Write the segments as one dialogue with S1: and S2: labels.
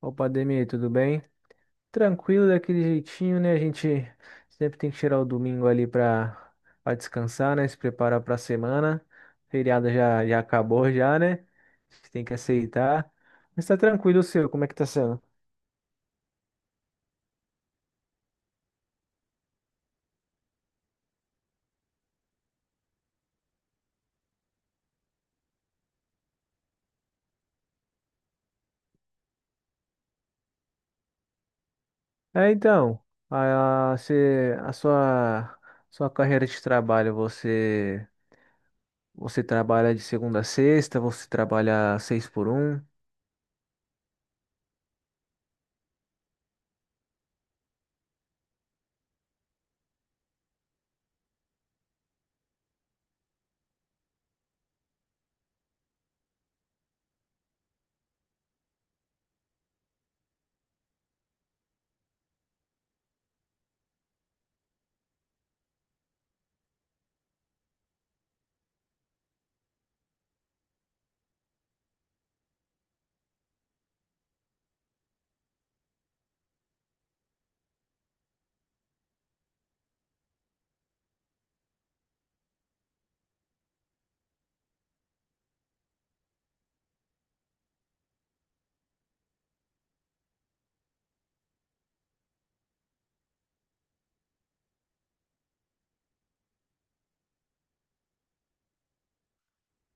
S1: Opa, Ademir, tudo bem? Tranquilo daquele jeitinho, né? A gente sempre tem que tirar o domingo ali para descansar, né? Se preparar para a semana. Feriado já já acabou já, né? A gente tem que aceitar. Mas tá tranquilo o seu, como é que tá sendo? É, então, a sua sua carreira de trabalho, você trabalha de segunda a sexta, você trabalha seis por um?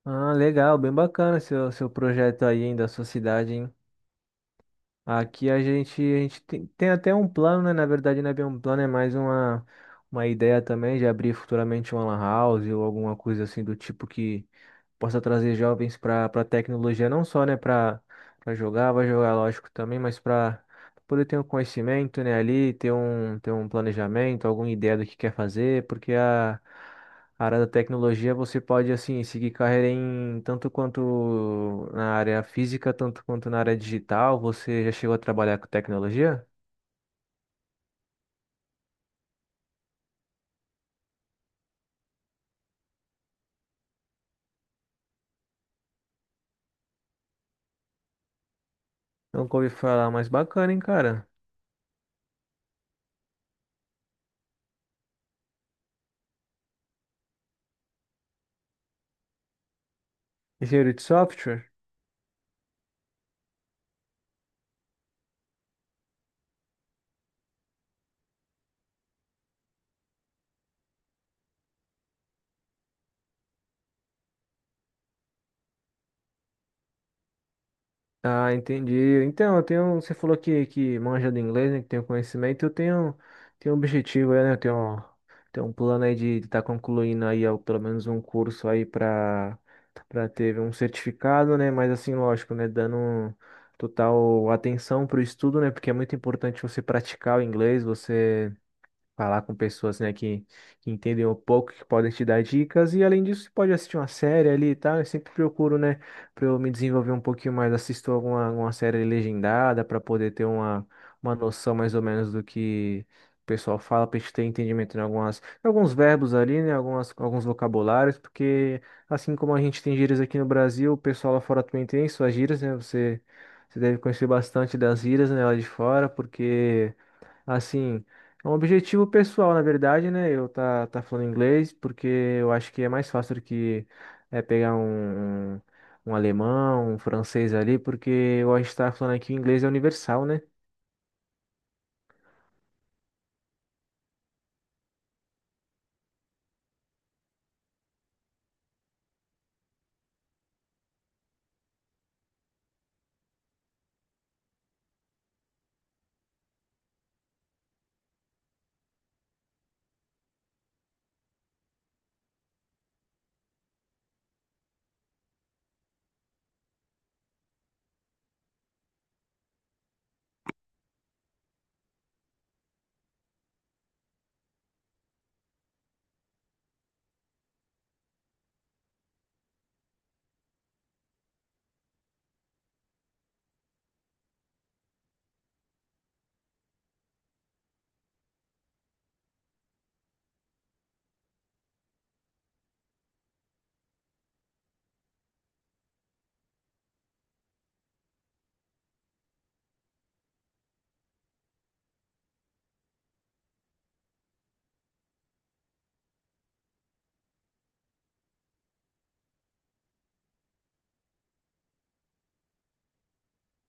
S1: Ah, legal, bem bacana seu projeto aí da sua cidade, hein? Aqui a gente tem, tem até um plano, né? Na verdade, não é bem um plano, é mais uma ideia também de abrir futuramente uma lan house ou alguma coisa assim do tipo que possa trazer jovens para tecnologia, não só, né, para jogar, vai jogar, lógico, também, mas para poder ter um conhecimento, né, ali, ter um planejamento, alguma ideia do que quer fazer, porque a área da tecnologia você pode, assim, seguir carreira em tanto quanto na área física, tanto quanto na área digital. Você já chegou a trabalhar com tecnologia? Nunca ouvi falar, mas bacana, hein, cara? Engenheiro de software? Ah, entendi. Então, eu tenho, você falou que manja do inglês, né, que tem o conhecimento, eu tenho, tenho um objetivo aí, né, eu tenho, tenho um plano aí de estar concluindo aí ao- pelo menos um curso aí para ter um certificado, né, mas assim, lógico, né, dando um total atenção para o estudo, né, porque é muito importante você praticar o inglês, você falar com pessoas, né, que entendem um pouco, que podem te dar dicas, e além disso, você pode assistir uma série ali e tal. Eu sempre procuro, né, para eu me desenvolver um pouquinho mais, assisto alguma, alguma série legendada para poder ter uma noção mais ou menos do que o pessoal fala, para gente ter entendimento em algumas, em alguns verbos ali, né, algumas, alguns vocabulários, porque assim como a gente tem gírias aqui no Brasil, o pessoal lá fora também tem suas gírias, né, você. Você deve conhecer bastante das gírias, né, lá de fora, porque assim, é um objetivo pessoal, na verdade, né? Eu tá, tá falando inglês porque eu acho que é mais fácil do que é, pegar um alemão, um francês ali, porque eu acho que tá falando aqui o inglês é universal, né?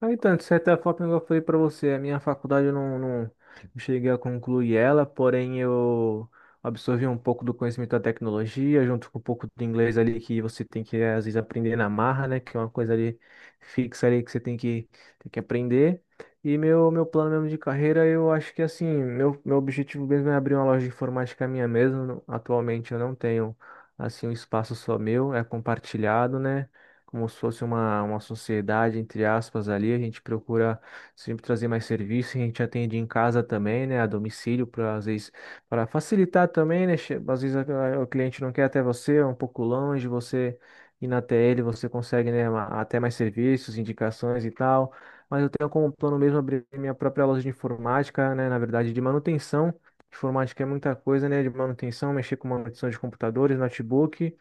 S1: Ah, então, de certa forma, igual eu falei para você, a minha faculdade eu não cheguei a concluir ela, porém eu absorvi um pouco do conhecimento da tecnologia, junto com um pouco do inglês ali que você tem que, às vezes, aprender na marra, né? Que é uma coisa ali fixa ali que você tem que aprender. E meu plano mesmo de carreira, eu acho que, assim, meu objetivo mesmo é abrir uma loja de informática minha mesmo. Atualmente eu não tenho, assim, um espaço só meu, é compartilhado, né? Como se fosse uma sociedade, entre aspas, ali. A gente procura sempre trazer mais serviço, a gente atende em casa também, né, a domicílio, para às vezes para facilitar também, né? Às vezes o cliente não quer até você, é um pouco longe, você ir na TL, você consegue, né, ma- até mais serviços, indicações e tal. Mas eu tenho como plano mesmo abrir minha própria loja de informática, né, na verdade, de manutenção. Informática é muita coisa, né? De manutenção, mexer com manutenção de computadores, notebook.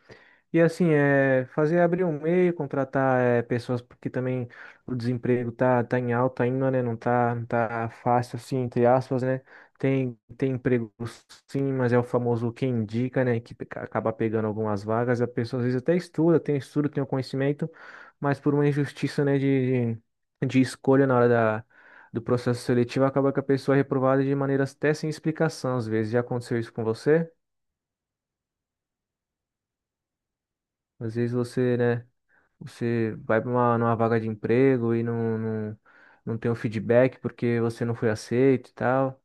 S1: E assim, é, fazer abrir um e-mail, contratar é, pessoas, porque também o desemprego tá, tá em alta ainda, né? Não tá, não tá fácil assim, entre aspas, né? Tem, tem emprego sim, mas é o famoso quem indica, né? Que peca- acaba pegando algumas vagas. A pessoa às vezes até estuda, tem estudo, tem o conhecimento, mas por uma injustiça, né, de escolha na hora da, do processo seletivo, acaba que a pessoa é reprovada de maneiras até sem explicação, às vezes. Já aconteceu isso com você? Às vezes você, né? Você vai para uma numa vaga de emprego e não tem o feedback porque você não foi aceito e tal.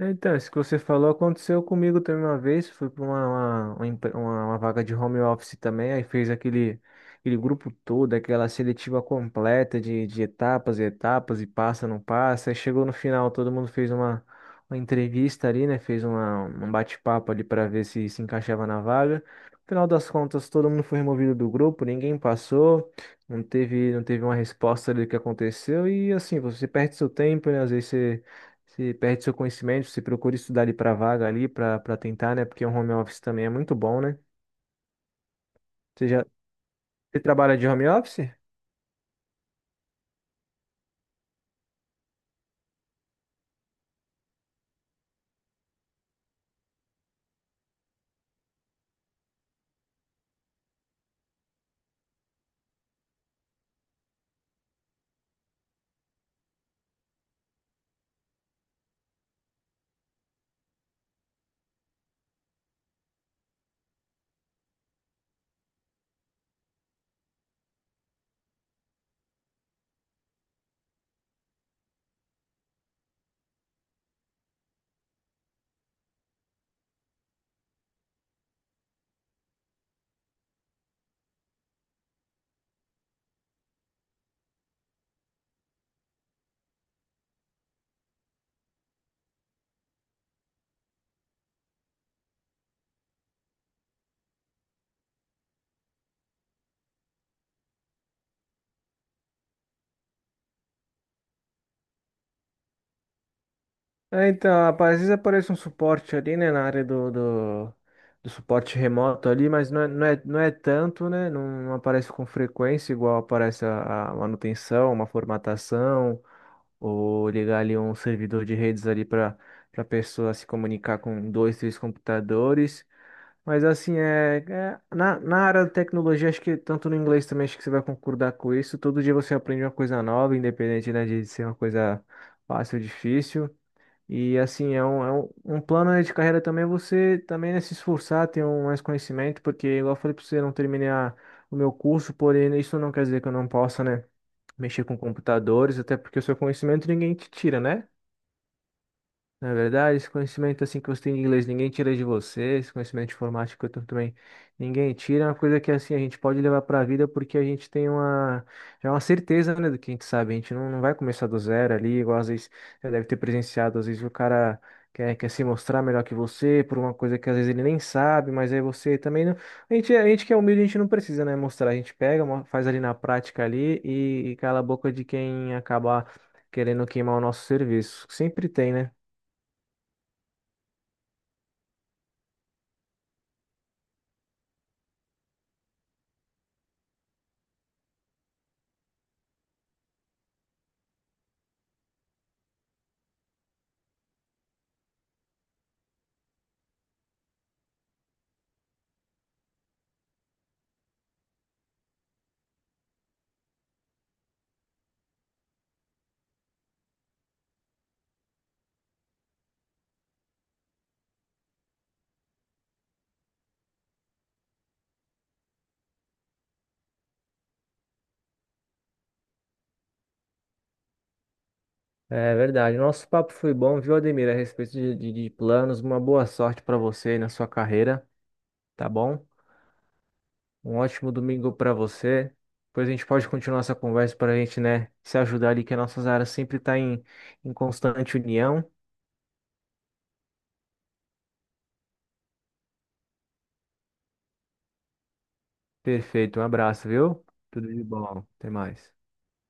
S1: É, então, isso que você falou aconteceu comigo também uma vez. Fui para uma, empre- uma vaga de home office também. Aí fez aquele, aquele grupo todo, aquela seletiva completa de etapas e etapas, e passa, não passa. Aí chegou no final, todo mundo fez uma entrevista ali, né? Fez uma, um bate-papo ali para ver se se encaixava na vaga. No final das contas, todo mundo foi removido do grupo, ninguém passou, não teve uma resposta ali do que aconteceu. E assim, você perde seu tempo, né? Às vezes você. Você perde seu conhecimento, você procura estudar ali para vaga ali, para tentar, né? Porque o home office também é muito bom, né? Você já você trabalha de home office? É, então, rapaz, às vezes aparece um suporte ali, né, na área do suporte remoto ali, mas não é tanto, né? Não aparece com frequência igual aparece a manutenção, uma formatação, ou ligar ali um servidor de redes ali para pessoa se comunicar com dois, três computadores. Mas assim, é, é- na área da tecnologia, acho que tanto no inglês também, acho que você vai concordar com isso. Todo dia você aprende uma coisa nova, independente, né, de ser uma coisa fácil ou difícil. E assim, é um plano, né, de carreira também, é você também, né, se esforçar, ter um, mais conhecimento, porque, igual eu falei para você, eu não terminei a- o meu curso, porém isso não quer dizer que eu não possa, né? Mexer com computadores, até porque o seu conhecimento ninguém te tira, né? Não é verdade? Esse conhecimento assim que você tem de inglês, ninguém tira de você. Esse conhecimento de informática que eu tenho também, ninguém tira. É uma coisa que assim a gente pode levar para a vida porque a gente tem uma já é uma certeza, né, do que a gente sabe. A gente não vai começar do zero ali, igual às vezes já deve ter presenciado, às vezes o cara quer se mostrar melhor que você por uma coisa que às vezes ele nem sabe, mas aí você também não. A gente que é humilde, a gente não precisa, né, mostrar. A gente pega, mo- faz ali na prática ali e cala a boca de quem acabar querendo queimar o nosso serviço. Sempre tem, né? É verdade. Nosso papo foi bom, viu, Ademir? A respeito de planos, uma boa sorte para você aí na sua carreira, tá bom? Um ótimo domingo para você. Depois a gente pode continuar essa conversa para a gente, né, se ajudar ali, que as nossas áreas sempre tá em, em constante união. Perfeito. Um abraço, viu? Tudo de bom. Até mais.